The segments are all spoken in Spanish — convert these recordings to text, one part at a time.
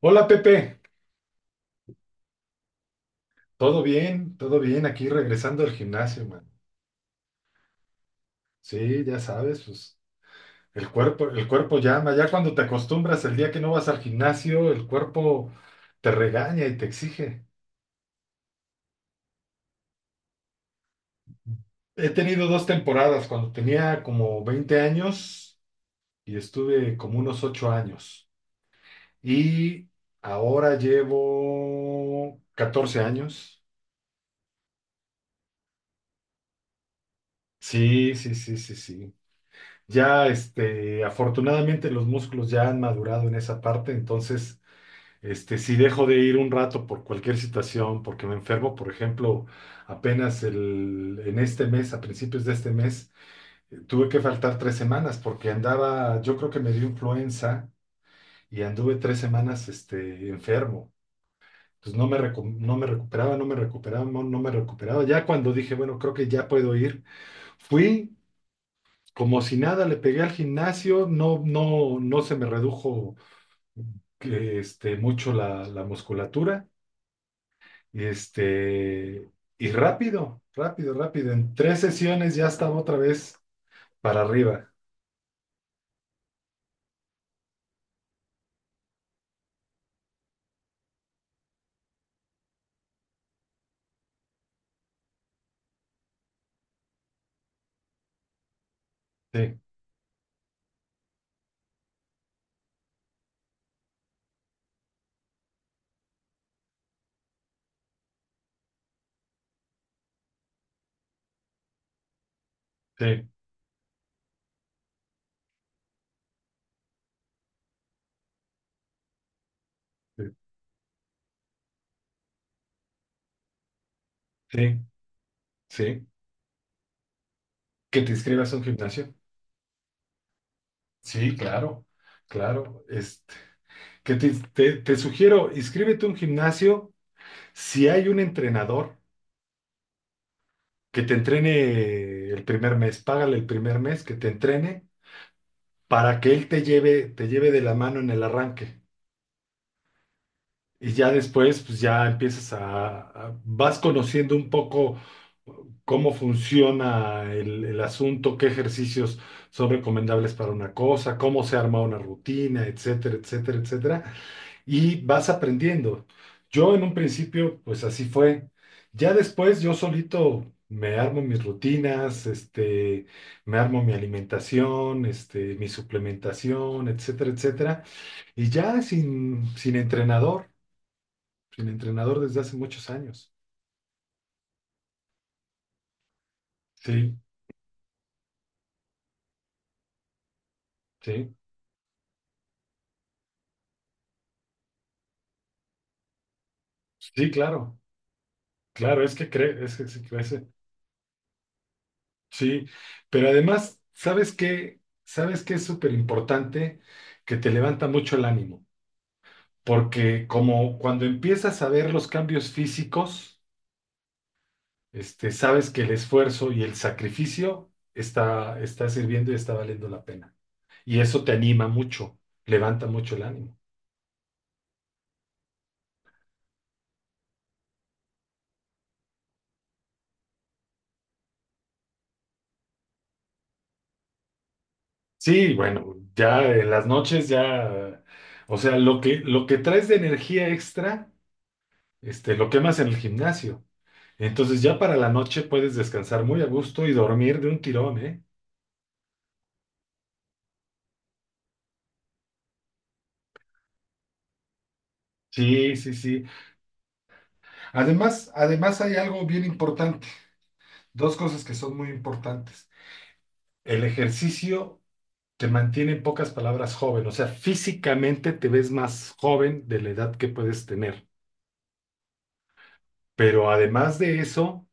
Hola Pepe, todo bien, aquí regresando al gimnasio, man. Sí, ya sabes, pues el cuerpo llama. Ya cuando te acostumbras, el día que no vas al gimnasio, el cuerpo te regaña y te exige. He tenido dos temporadas. Cuando tenía como 20 años, y estuve como unos 8 años. Y ahora llevo 14 años. Sí, sí, sí, sí, sí. Ya, afortunadamente los músculos ya han madurado en esa parte. Entonces, si dejo de ir un rato por cualquier situación, porque me enfermo, por ejemplo, apenas en este mes, a principios de este mes, tuve que faltar 3 semanas porque andaba, yo creo que me dio influenza, y anduve 3 semanas, enfermo. Entonces no me recuperaba, no me recuperaba, no, no me recuperaba. Ya cuando dije, bueno, creo que ya puedo ir, fui. Como si nada, le pegué al gimnasio. No, no, no se me redujo mucho la musculatura. Este, y rápido, rápido, rápido, en tres sesiones ya estaba otra vez para arriba. Sí, sí, sí, sí, sí. ¿Que te inscribas a un gimnasio? Sí, claro, claro. Que te sugiero: inscríbete a un gimnasio. Si hay un entrenador que te entrene el primer mes, págale el primer mes que te entrene, para que él te lleve, de la mano en el arranque. Y ya después, pues ya empiezas vas conociendo un poco cómo funciona el asunto, qué ejercicios son recomendables para una cosa, cómo se arma una rutina, etcétera, etcétera, etcétera, y vas aprendiendo. Yo en un principio pues así fue. Ya después yo solito me armo mis rutinas, me armo mi alimentación, mi suplementación, etcétera, etcétera. Y ya sin entrenador, sin entrenador desde hace muchos años. Sí, sí, sí, claro, claro, es que sí crece. Sí, pero además, ¿sabes qué? ¿Sabes qué es súper importante? Que te levanta mucho el ánimo, porque como cuando empiezas a ver los cambios físicos, sabes que el esfuerzo y el sacrificio está sirviendo y está valiendo la pena. Y eso te anima mucho, levanta mucho el ánimo. Sí, bueno, ya en las noches, ya, o sea, lo que traes de energía extra, lo quemas en el gimnasio. Entonces, ya para la noche, puedes descansar muy a gusto y dormir de un tirón, ¿eh? Sí, sí, sí. Además, hay algo bien importante. Dos cosas que son muy importantes. El ejercicio te mantiene, en pocas palabras, joven. O sea, físicamente te ves más joven de la edad que puedes tener. Pero además de eso,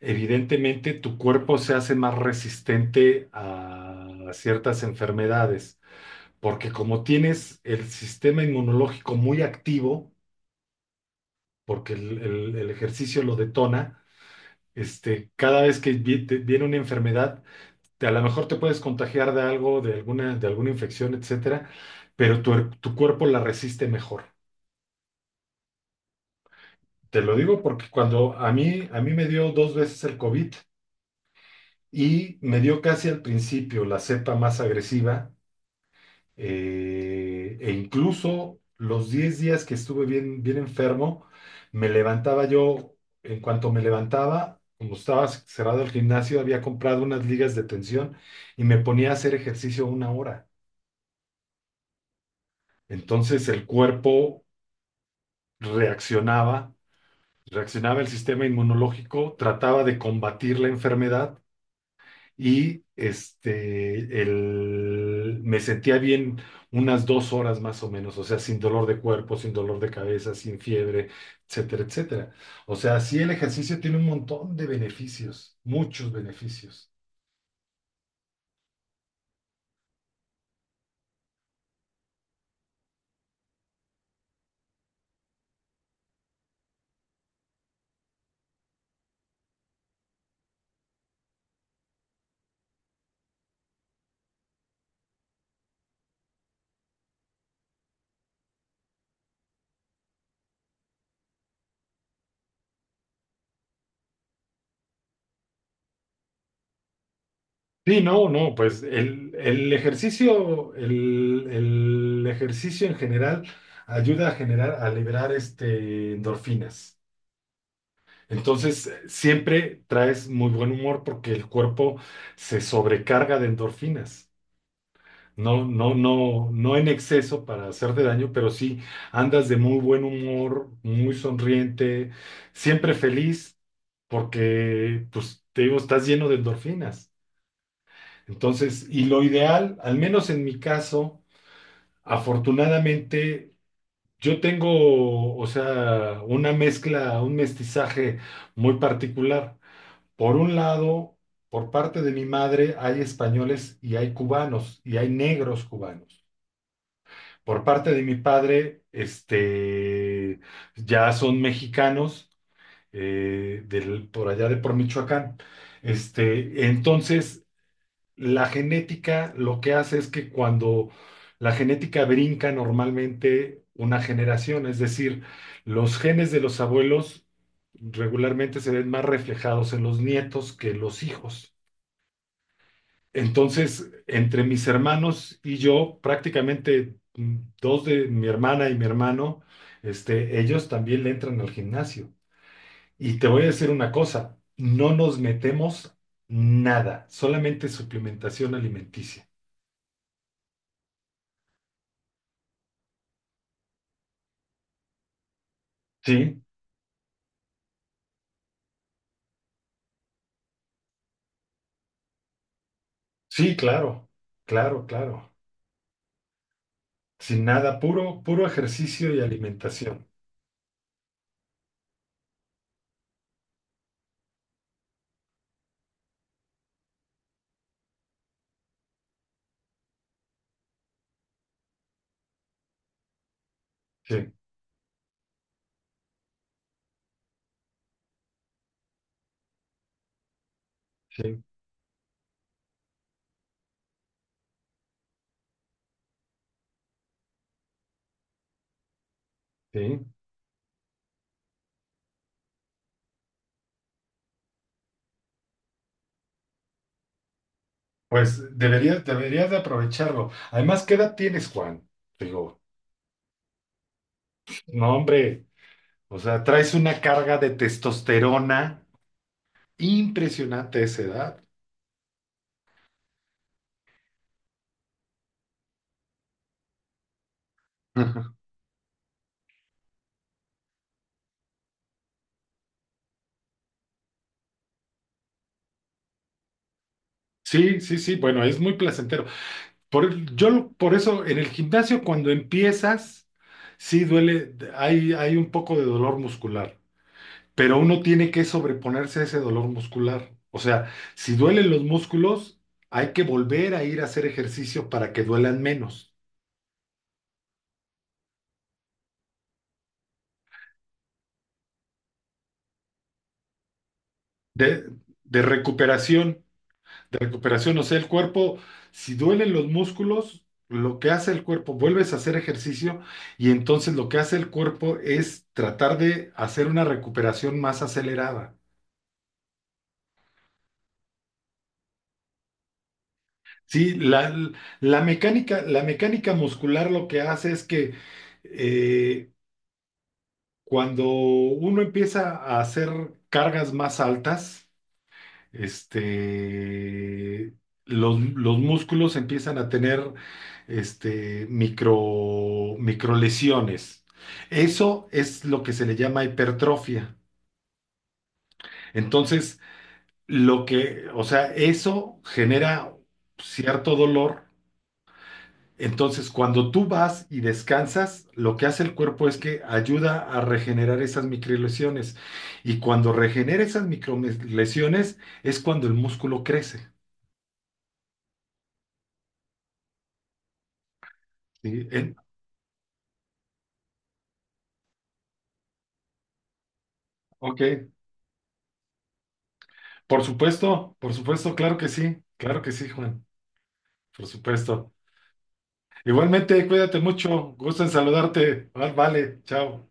evidentemente tu cuerpo se hace más resistente a ciertas enfermedades, porque como tienes el sistema inmunológico muy activo, porque el ejercicio lo detona. Cada vez que viene una enfermedad, a lo mejor te puedes contagiar de algo, de alguna, infección, etcétera, pero tu cuerpo la resiste mejor. Te lo digo porque cuando a mí me dio dos veces el COVID, y me dio casi al principio la cepa más agresiva, e incluso los 10 días que estuve bien, bien enfermo, me levantaba yo. En cuanto me levantaba, como estaba cerrado el gimnasio, había comprado unas ligas de tensión, y me ponía a hacer ejercicio una hora. Entonces el cuerpo reaccionaba, reaccionaba el sistema inmunológico, trataba de combatir la enfermedad, y me sentía bien unas 2 horas más o menos, o sea, sin dolor de cuerpo, sin dolor de cabeza, sin fiebre, etcétera, etcétera. O sea, sí, el ejercicio tiene un montón de beneficios, muchos beneficios. Sí, no, no, pues el ejercicio en general ayuda a generar, a liberar, endorfinas. Entonces, siempre traes muy buen humor porque el cuerpo se sobrecarga de endorfinas. No, no, no, no en exceso para hacerte daño, pero sí andas de muy buen humor, muy sonriente, siempre feliz, porque, pues, te digo, estás lleno de endorfinas. Entonces, y lo ideal, al menos en mi caso, afortunadamente, yo tengo, o sea, una mezcla, un mestizaje muy particular. Por un lado, por parte de mi madre hay españoles y hay cubanos y hay negros cubanos. Por parte de mi padre, ya son mexicanos, por allá de por Michoacán. Entonces, la genética, lo que hace es que, cuando la genética brinca normalmente una generación, es decir, los genes de los abuelos regularmente se ven más reflejados en los nietos que en los hijos. Entonces, entre mis hermanos y yo, prácticamente, dos, de mi hermana y mi hermano, ellos también le entran al gimnasio. Y te voy a decir una cosa: no nos metemos nada, solamente suplementación alimenticia. Sí, sí, claro, claro, claro. Sin nada, puro, puro ejercicio y alimentación. Sí, sí, sí. Pues deberías de aprovecharlo. Además, ¿qué edad tienes, Juan? Digo, no, hombre, o sea, traes una carga de testosterona impresionante a esa edad. Ajá. Sí, sí, sí, bueno, es muy placentero. Por eso, en el gimnasio, cuando empiezas, sí duele, hay un poco de dolor muscular. Pero uno tiene que sobreponerse a ese dolor muscular. O sea, si duelen los músculos, hay que volver a ir a hacer ejercicio para que duelan menos. De, de recuperación, de recuperación, o sea, el cuerpo, si duelen los músculos, lo que hace el cuerpo, vuelves a hacer ejercicio, y entonces lo que hace el cuerpo es tratar de hacer una recuperación más acelerada. Sí, la mecánica muscular, lo que hace es que, eh, Cuando uno empieza a hacer cargas más altas, este, los músculos empiezan a tener, microlesiones. Eso es lo que se le llama hipertrofia. Entonces, o sea, eso genera cierto dolor. Entonces, cuando tú vas y descansas, lo que hace el cuerpo es que ayuda a regenerar esas microlesiones. Y cuando regenera esas microlesiones, es cuando el músculo crece. ¿Sí? Ok, por supuesto, claro que sí, Juan, por supuesto. Igualmente, cuídate mucho, gusto en saludarte. Vale, vale, chao.